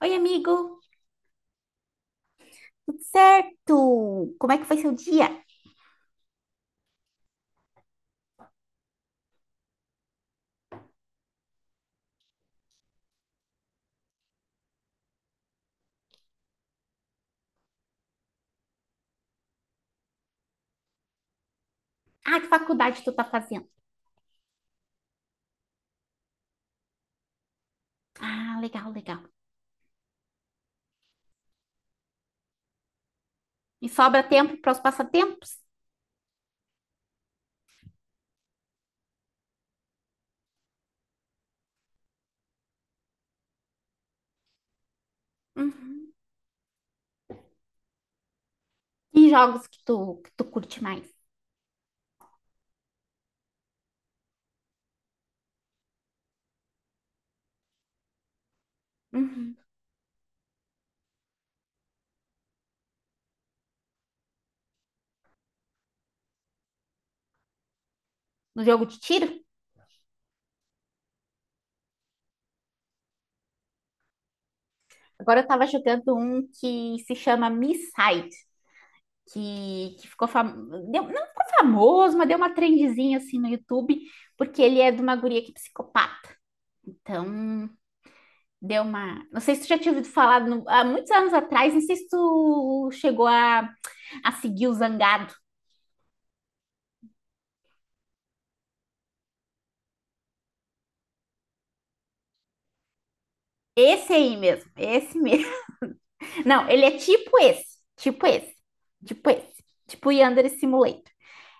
Oi, amigo, tudo certo? Como é que foi seu dia? Ah, que faculdade tu tá fazendo? Ah, legal, legal. E sobra tempo para os passatempos? Uhum. Que jogos que tu curte mais? Uhum. No jogo de tiro? Agora eu tava jogando um que se chama Misside, que, que ficou fam... não ficou famoso, mas deu uma trendzinha assim no YouTube, porque ele é de uma guria que é psicopata. Então, deu uma. Não sei se tu já tinha ouvido falar há muitos anos atrás, não sei se tu chegou a seguir o Zangado. Esse aí mesmo, esse mesmo. Não, ele é tipo esse, tipo esse, tipo esse, tipo Yandere Simulator.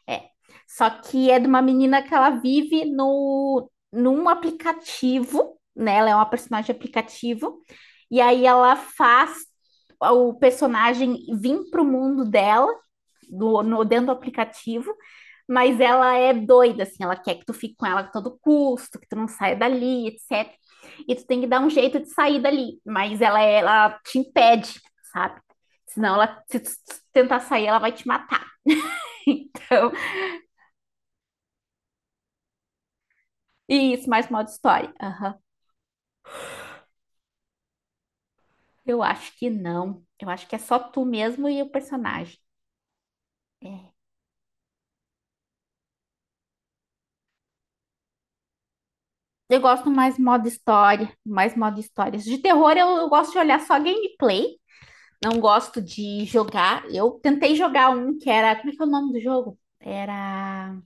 É. Só que é de uma menina que ela vive no, num aplicativo, né? Ela é uma personagem de aplicativo, e aí ela faz o personagem vir para o mundo dela, do, no, dentro do aplicativo. Mas ela é doida, assim, ela quer que tu fique com ela a todo custo, que tu não saia dali, etc. E tu tem que dar um jeito de sair dali, mas ela te impede, sabe? Senão, se tu tentar sair, ela vai te matar. Então, e isso, mais modo história. Aham. Eu acho que não. Eu acho que é só tu mesmo e o personagem. É. Eu gosto mais modo história, mais modo histórias. De terror, eu gosto de olhar só gameplay. Não gosto de jogar. Eu tentei jogar um que era. Como é que é o nome do jogo? Era.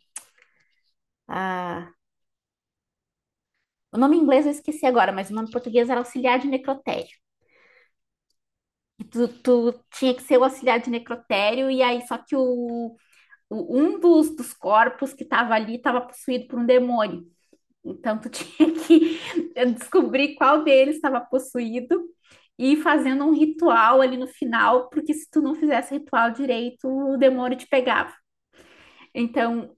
ah, O nome em inglês eu esqueci agora, mas o nome em português era Auxiliar de Necrotério. E tu tinha que ser o auxiliar de necrotério, e aí só que um dos corpos que estava ali estava possuído por um demônio. Então tu tinha que descobrir qual deles estava possuído e ir fazendo um ritual ali no final, porque se tu não fizesse ritual direito, o demônio te pegava. Então,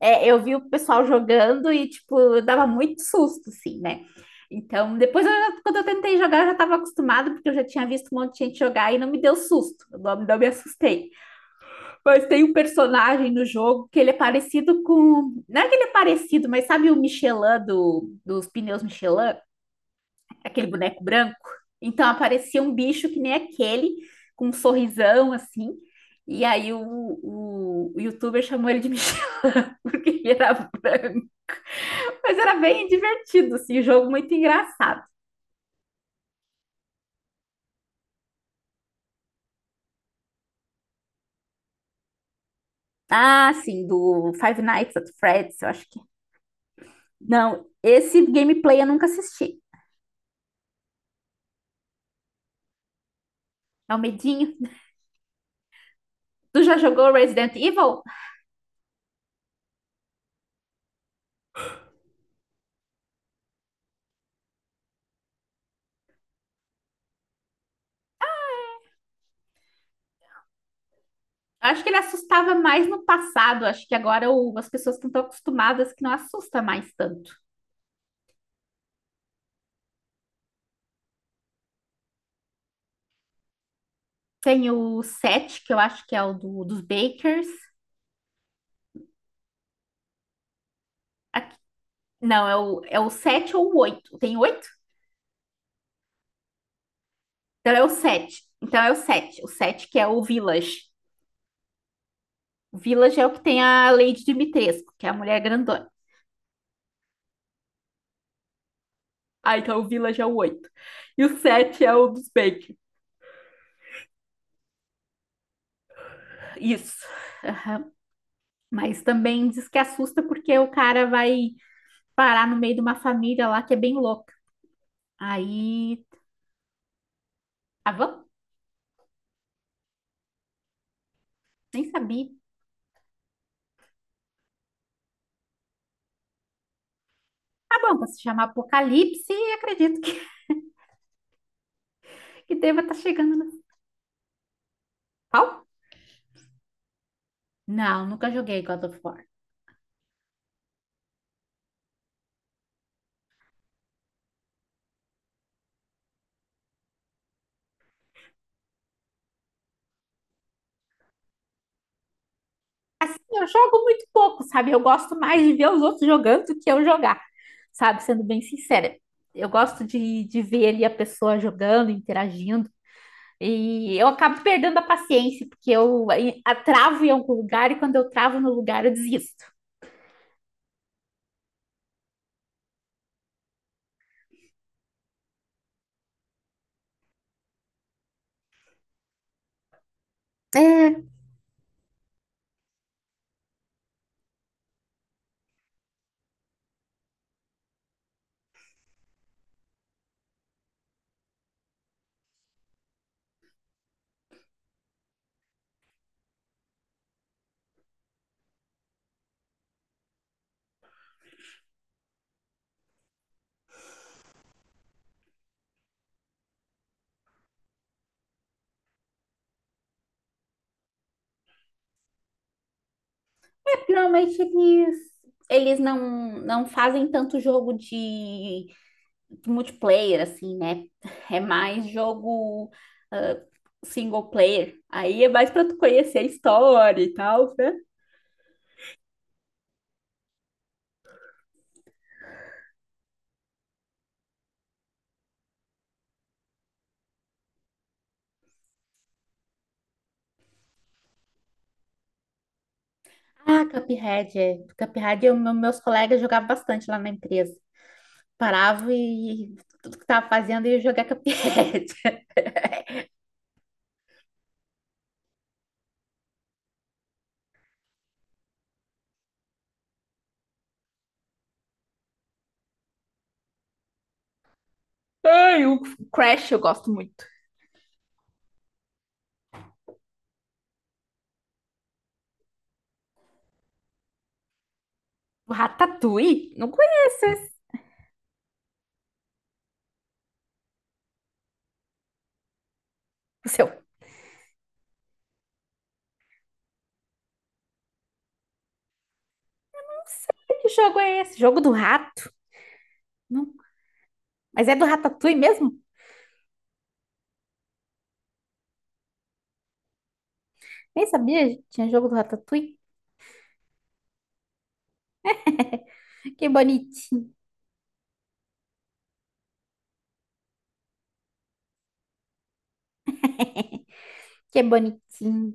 Eu vi o pessoal jogando e, tipo, dava muito susto, assim, né? Então, depois, quando eu tentei jogar, eu já estava acostumada, porque eu já tinha visto um monte de gente jogar e não me deu susto, eu não me assustei. Mas tem um personagem no jogo que ele é parecido com. Não é que ele é parecido, mas sabe o Michelin do, dos pneus Michelin? Aquele boneco branco? Então, aparecia um bicho que nem aquele, com um sorrisão assim. E aí, o youtuber chamou ele de Michelin, porque ele era branco. Mas era bem divertido, assim, o jogo muito engraçado. Ah, sim, do Five Nights at Freddy's, eu acho que. Não, esse gameplay eu nunca assisti. É o medinho. Tu já jogou Resident Evil? Acho que ele assustava mais no passado. Acho que agora as pessoas estão tão acostumadas que não assusta mais tanto. Tem o 7, que eu acho que é o dos Bakers. Aqui- não, é o, 7 ou o 8. Tem 8. Então é o 7. Então é o 7. O 7 que é o Village. O Village é o que tem a Lady Dimitrescu, que é a mulher grandona. Ah, então o Village é o 8. E o 7 é o dos Bacon. Isso. Aham. Mas também diz que assusta porque o cara vai parar no meio de uma família lá que é bem louca. Aí. Ah, vamos? Nem sabia. Ah, bom, pra se chamar Apocalipse, acredito que deva estar chegando no. Qual? Não, nunca joguei God of War. Assim, eu jogo muito pouco, sabe? Eu gosto mais de ver os outros jogando do que eu jogar, sabe? Sendo bem sincera. Eu gosto de ver ali a pessoa jogando, interagindo. E eu acabo perdendo a paciência, porque eu travo em algum lugar e quando eu travo no lugar eu desisto. É, geralmente eles não fazem tanto jogo de multiplayer, assim, né? É mais jogo ah, single player. Aí é mais pra tu conhecer a história e tal, né? Ah, Cuphead, é. Cuphead, meus colegas jogavam bastante lá na empresa. Parava e tudo que tava fazendo ia jogar Cuphead. E o Ratatouille? Não conheço esse. O seu? Não sei que jogo é esse. Jogo do rato? Não. Mas é do Ratatouille mesmo? Nem sabia, gente. Tinha jogo do Ratatouille. Que bonitinho. Que bonitinho.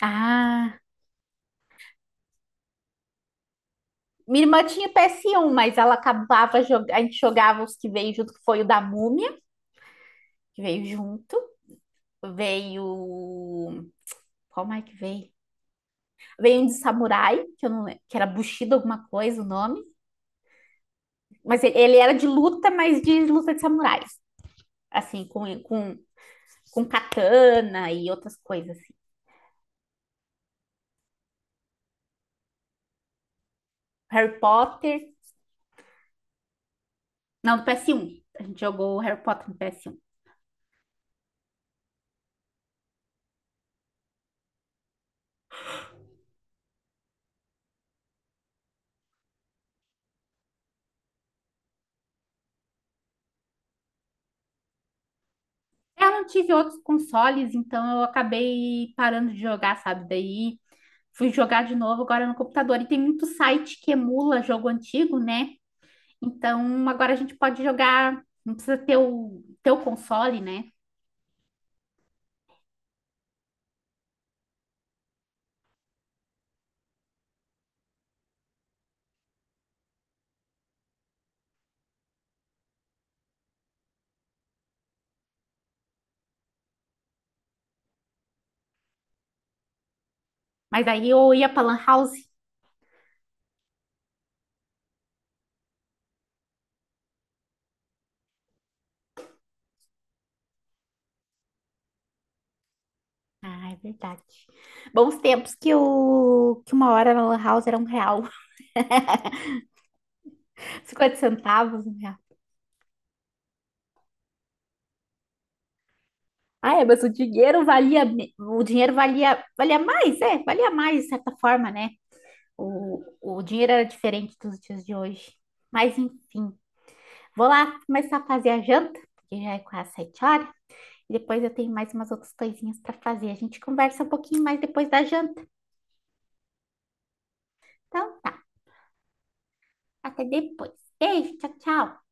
Ah. Minha irmã tinha PS1, mas ela acabava jogando. A gente jogava os que veio junto, que foi o da Múmia, que veio junto. Veio. Qual mais que veio? Veio um de samurai, que eu não lembro, que era Bushido alguma coisa o nome. Mas ele era de luta, mas de luta de samurais. Assim, com katana e outras coisas assim. Harry Potter. Não, do PS1. A gente jogou Harry Potter no PS1. Eu não tive outros consoles, então eu acabei parando de jogar, sabe? Daí fui jogar de novo agora no computador. E tem muito site que emula jogo antigo, né? Então agora a gente pode jogar, não precisa ter o teu console, né? Mas aí eu ia pra Lan House. Ah, é verdade. Bons tempos que uma hora na Lan House era um real, 50 centavos, um real. Ah, é, mas o dinheiro valia, o dinheiro valia mais, é, valia mais de certa forma, né? O dinheiro era diferente dos dias de hoje. Mas enfim. Vou lá começar a fazer a janta, porque já é quase sete horas. E depois eu tenho mais umas outras coisinhas para fazer. A gente conversa um pouquinho mais depois da janta. Então tá, até depois. Beijo, tchau, tchau.